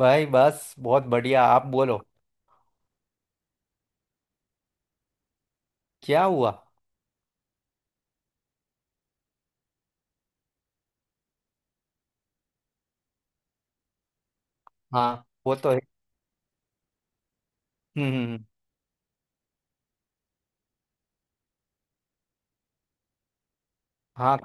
भाई बस बहुत बढ़िया, आप बोलो। क्या हुआ? हाँ, वो तो है। हम्म, हम्म। हाँ।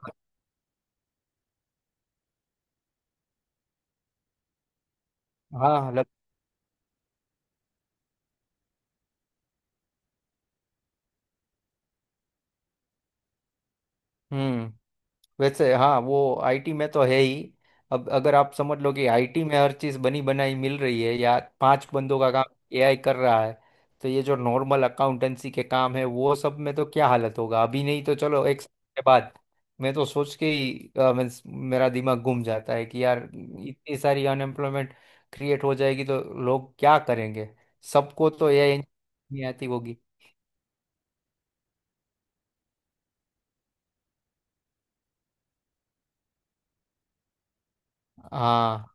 हाँ, लग। हम्म। वैसे हाँ, वो आईटी में तो है ही। अब अगर आप समझ लो कि आईटी में हर चीज़ बनी बनाई मिल रही है, या पांच बंदों का काम एआई कर रहा है, तो ये जो नॉर्मल अकाउंटेंसी के काम है वो सब में तो क्या हालत होगा, अभी नहीं तो चलो एक साल के बाद। मैं तो सोच के ही means मेरा दिमाग घूम जाता है कि यार इतनी सारी अनएम्प्लॉयमेंट क्रिएट हो जाएगी तो लोग क्या करेंगे? सबको तो एआई नहीं आती होगी। हाँ।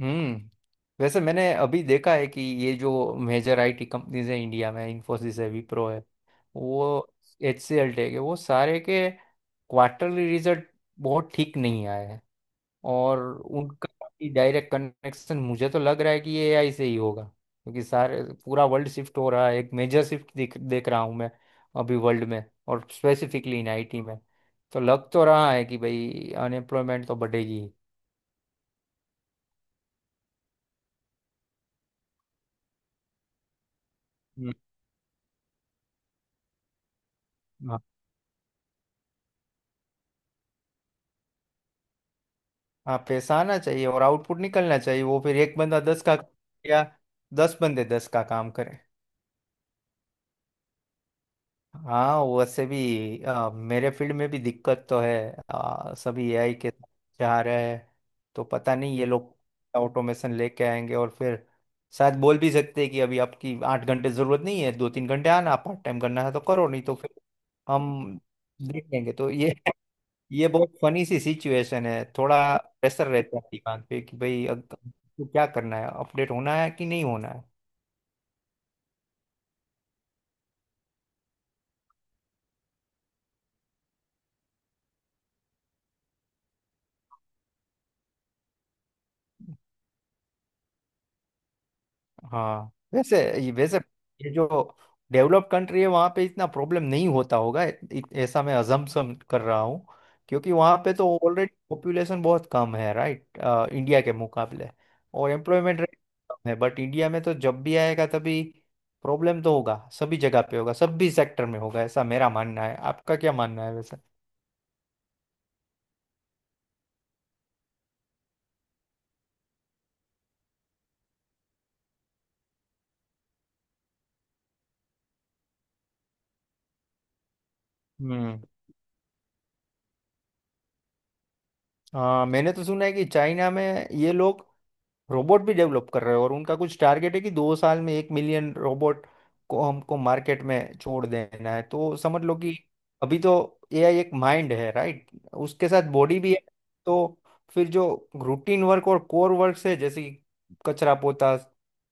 हम्म। वैसे मैंने अभी देखा है कि ये जो मेजर आईटी कंपनीज हैं इंडिया में, इंफोसिस है, विप्रो है, वो एचसीएल टेक है, वो सारे के क्वार्टरली रिजल्ट बहुत ठीक नहीं आए हैं। और उनका डायरेक्ट कनेक्शन मुझे तो लग रहा है कि ये एआई से ही होगा, क्योंकि सारे, पूरा वर्ल्ड शिफ्ट हो रहा है, एक मेजर शिफ्ट देख देख रहा हूँ मैं अभी वर्ल्ड में, और स्पेसिफिकली इन आईटी में। तो लग तो रहा है कि भाई अनएम्प्लॉयमेंट तो बढ़ेगी ही। हम्म। हाँ, पैसा आना चाहिए और आउटपुट निकलना चाहिए, वो फिर एक बंदा 10 का, या 10 बंदे 10 का काम करें। हाँ, वैसे भी मेरे फील्ड में भी दिक्कत तो है, सभी एआई के जा रहे हैं। तो पता नहीं ये लोग ऑटोमेशन लेके आएंगे और फिर शायद बोल भी सकते हैं कि अभी आपकी 8 घंटे जरूरत नहीं है, 2 3 घंटे आना, पार्ट टाइम करना है तो करो, नहीं तो फिर हम देख लेंगे। तो ये बहुत फनी सी सिचुएशन है। थोड़ा प्रेशर रहता है दिमाग पे कि भाई अब तो क्या करना है, अपडेट होना है कि नहीं होना है। हाँ, वैसे ये, वैसे ये जो डेवलप्ड कंट्री है, वहाँ पे इतना प्रॉब्लम नहीं होता होगा, ऐसा मैं अजम्पशन कर रहा हूँ। क्योंकि वहाँ पे तो ऑलरेडी पॉपुलेशन बहुत कम है, राइट, इंडिया के मुकाबले, और एम्प्लॉयमेंट रेट कम है। बट इंडिया में तो जब भी आएगा, तभी प्रॉब्लम तो होगा, सभी जगह पे होगा, सभी सेक्टर में होगा, ऐसा मेरा मानना है। आपका क्या मानना है वैसे? हम्म। हाँ, मैंने तो सुना है कि चाइना में ये लोग रोबोट भी डेवलप कर रहे हैं, और उनका कुछ टारगेट है कि 2 साल में 1 मिलियन रोबोट को हमको मार्केट में छोड़ देना है। तो समझ लो कि अभी तो एआई एक माइंड है, राइट, उसके साथ बॉडी भी है। तो फिर जो रूटीन वर्क और कोर वर्क है, जैसे कि कचरा पोता,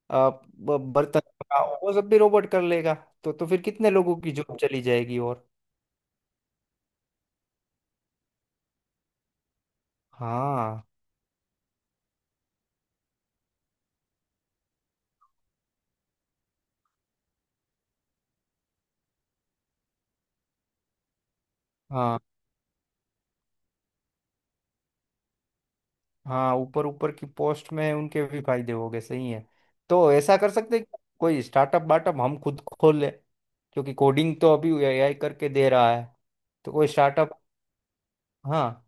अ, बर्तन धोना, वो सब भी रोबोट कर लेगा। तो फिर कितने लोगों की जॉब चली जाएगी। और हाँ, हाँ, हाँ, ऊपर ऊपर की पोस्ट में है, उनके भी फायदे हो गए, सही है। तो ऐसा कर सकते हैं कि कोई स्टार्टअप वार्टअप हम खुद खोल ले, क्योंकि कोडिंग तो अभी एआई करके दे रहा है। तो कोई स्टार्टअप, हाँ,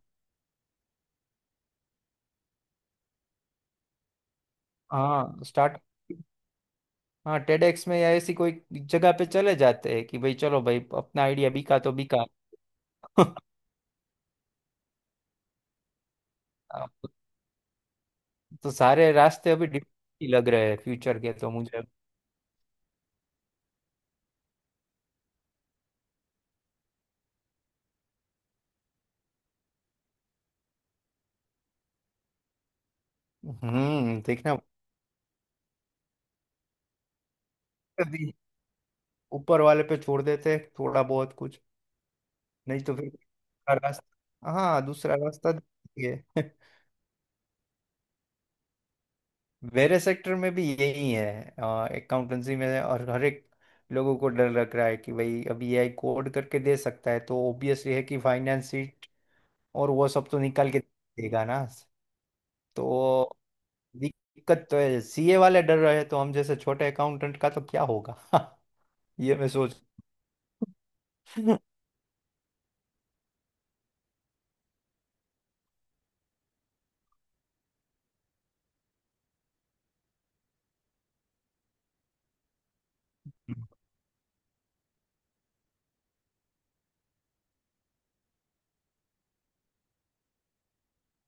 हाँ, स्टार्ट, हाँ, टेडेक्स में या ऐसी कोई जगह पे चले जाते हैं कि भाई चलो भाई अपना आइडिया बिका तो बिका। अब तो सारे रास्ते अभी डिफरेंट ही लग रहे हैं फ्यूचर के तो मुझे। हम्म, देखना। अभी ऊपर वाले पे छोड़ देते हैं थोड़ा बहुत कुछ, नहीं तो फिर दूसरा रास्ता, हाँ, दूसरा रास्ता देखेंगे। मेरे सेक्टर में भी यही है, अकाउंटेंसी में, और हर एक लोगों को डर लग रहा है कि भाई अभी एआई कोड करके दे सकता है, तो ऑब्वियसली है कि फाइनेंस शीट और वो सब तो निकाल के देगा ना। तो दिक्कत तो है, सीए वाले डर रहे हैं, तो हम जैसे छोटे अकाउंटेंट का तो क्या होगा। ये मैं सोच।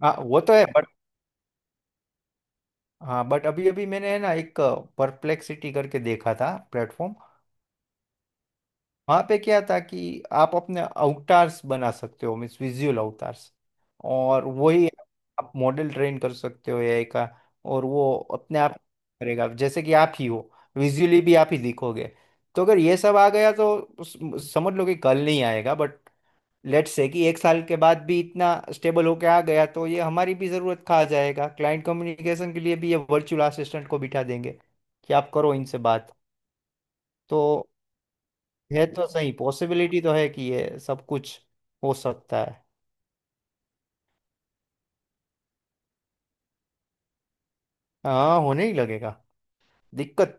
हाँ, वो तो है, बट, हाँ, बट अभी अभी मैंने, है ना, एक परप्लेक्सिटी करके देखा था प्लेटफॉर्म। वहाँ पे क्या था कि आप अपने अवतार्स बना सकते हो, मीन्स विजुअल अवतार्स, और वही आप मॉडल ट्रेन कर सकते हो एआई का, और वो अपने आप करेगा जैसे कि आप ही हो, विजुअली भी आप ही दिखोगे। तो अगर ये सब आ गया तो उस- समझ लो कि कल नहीं आएगा, बट लेट्स से कि एक साल के बाद भी इतना स्टेबल होके आ गया, तो ये हमारी भी ज़रूरत खा जाएगा। क्लाइंट कम्युनिकेशन के लिए भी ये वर्चुअल असिस्टेंट को बिठा देंगे कि आप करो इनसे बात। तो है, तो सही, पॉसिबिलिटी तो है कि ये सब कुछ हो सकता है। हाँ, होने ही लगेगा। दिक्कत।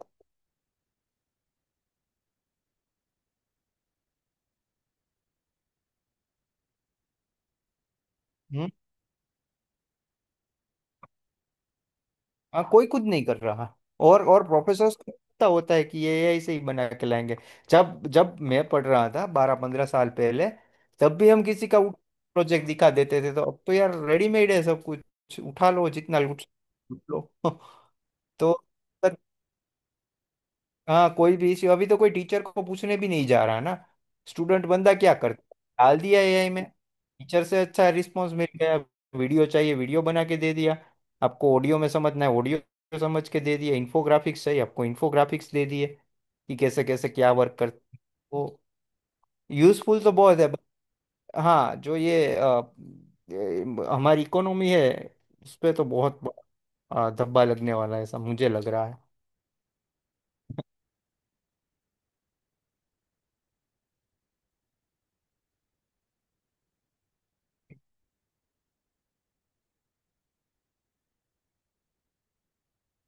हम्म। हाँ, कोई कुछ नहीं कर रहा। और प्रोफेसर को पता होता है कि ये ऐसे ही बना के लाएंगे। जब जब मैं पढ़ रहा था, 12 15 साल पहले, तब भी हम किसी का प्रोजेक्ट दिखा देते थे। तो अब तो यार रेडीमेड है सब कुछ, उठा लो जितना लूट, लूट लो। तो हाँ, कोई भी इश्यू अभी तो कोई टीचर को पूछने भी नहीं जा रहा ना। स्टूडेंट बंदा क्या करता है, डाल दिया एआई में, टीचर से अच्छा रिस्पॉन्स मिल गया। वीडियो चाहिए, वीडियो बना के दे दिया। आपको ऑडियो में समझना है, ऑडियो समझ के दे दिया। इन्फोग्राफिक्स चाहिए आपको, इन्फोग्राफिक्स दे दिए, कि कैसे कैसे क्या वर्क करते। वो यूजफुल तो बहुत है, but हाँ, जो ये ये हमारी इकोनॉमी है, उस पर तो बहुत बड़ा, धब्बा लगने वाला है, ऐसा मुझे लग रहा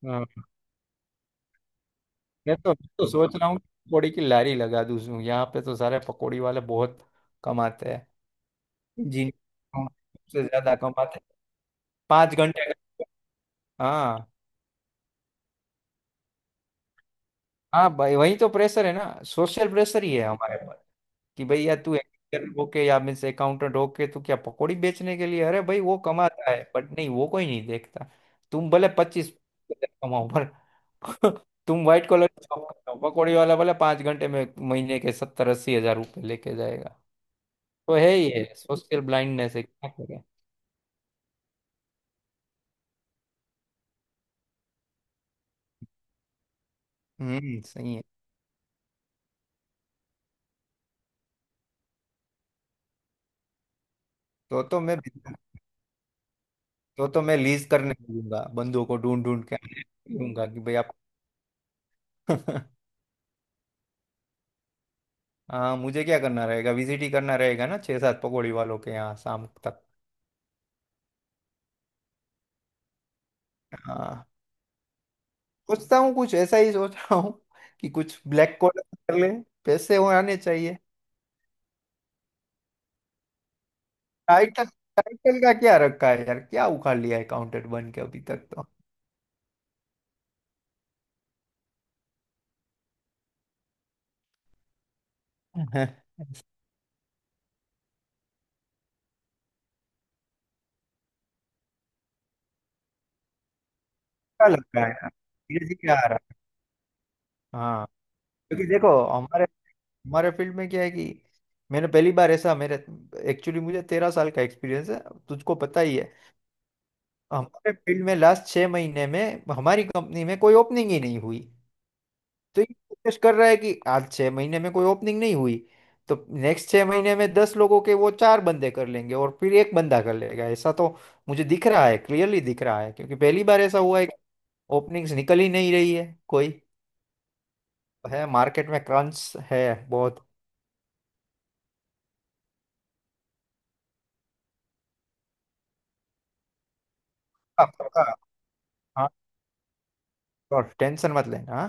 है। मैं तो सोच रहा हूँ पकौड़ी की लारी लगा दूँ यहाँ पे, तो सारे पकौड़ी वाले बहुत कमाते हैं, जिन, सबसे ज्यादा कमाते हैं। 5 घंटे का। हाँ। हाँ भाई, वही तो प्रेशर है ना, सोशल प्रेशर ही है हमारे पर, कि भाई यार तू एक्टर होके, या मीन्स अकाउंटेंट होके, तू क्या पकौड़ी बेचने के लिए? अरे भाई, वो कमाता है, बट नहीं, वो कोई नहीं देखता। तुम भले 25 कमाओ पर, तुम व्हाइट कॉलर जॉब करते हो। पकौड़ी वाला भले 5 घंटे में महीने के 70 80 हज़ार रुपये लेके जाएगा। तो है ही, है, सोशल ब्लाइंडनेस है, क्या करें। हम्म, सही है। तो मैं लीज करने दूंगा, बंदों को ढूंढ ढूंढ के दूंगा कि भाई आप। हाँ, मुझे क्या करना रहेगा, विजिट ही करना रहेगा ना, छह सात पकौड़ी वालों के यहाँ शाम तक। हाँ, सोचता हूँ, कुछ ऐसा ही सोच रहा हूँ, कि कुछ ब्लैक कॉलर कर ले, पैसे हो आने चाहिए। टाइटल टाइटल का क्या रखा है यार, क्या उखाड़ लिया है काउंटेड बन के अभी तक तो। क्या लग रहा है यार, ये जी क्या आ रहा है। हाँ, क्योंकि देखो हमारे, फील्ड में क्या है कि मैंने पहली बार ऐसा, मेरे, एक्चुअली मुझे 13 साल का एक्सपीरियंस है, तुझको पता ही है। हमारे फील्ड में लास्ट 6 महीने में हमारी कंपनी में कोई ओपनिंग ही नहीं हुई। तो ये फोकस कर रहा है कि आज 6 महीने में कोई ओपनिंग नहीं हुई, तो नेक्स्ट 6 महीने में 10 लोगों के वो चार बंदे कर लेंगे, और फिर एक बंदा कर लेगा। ऐसा तो मुझे दिख रहा है, क्लियरली दिख रहा है, क्योंकि पहली बार ऐसा हुआ है कि ओपनिंग्स निकल ही नहीं रही है कोई। है, मार्केट में क्रंच है बहुत। हाँ, हाँ, और टेंशन मत लेना।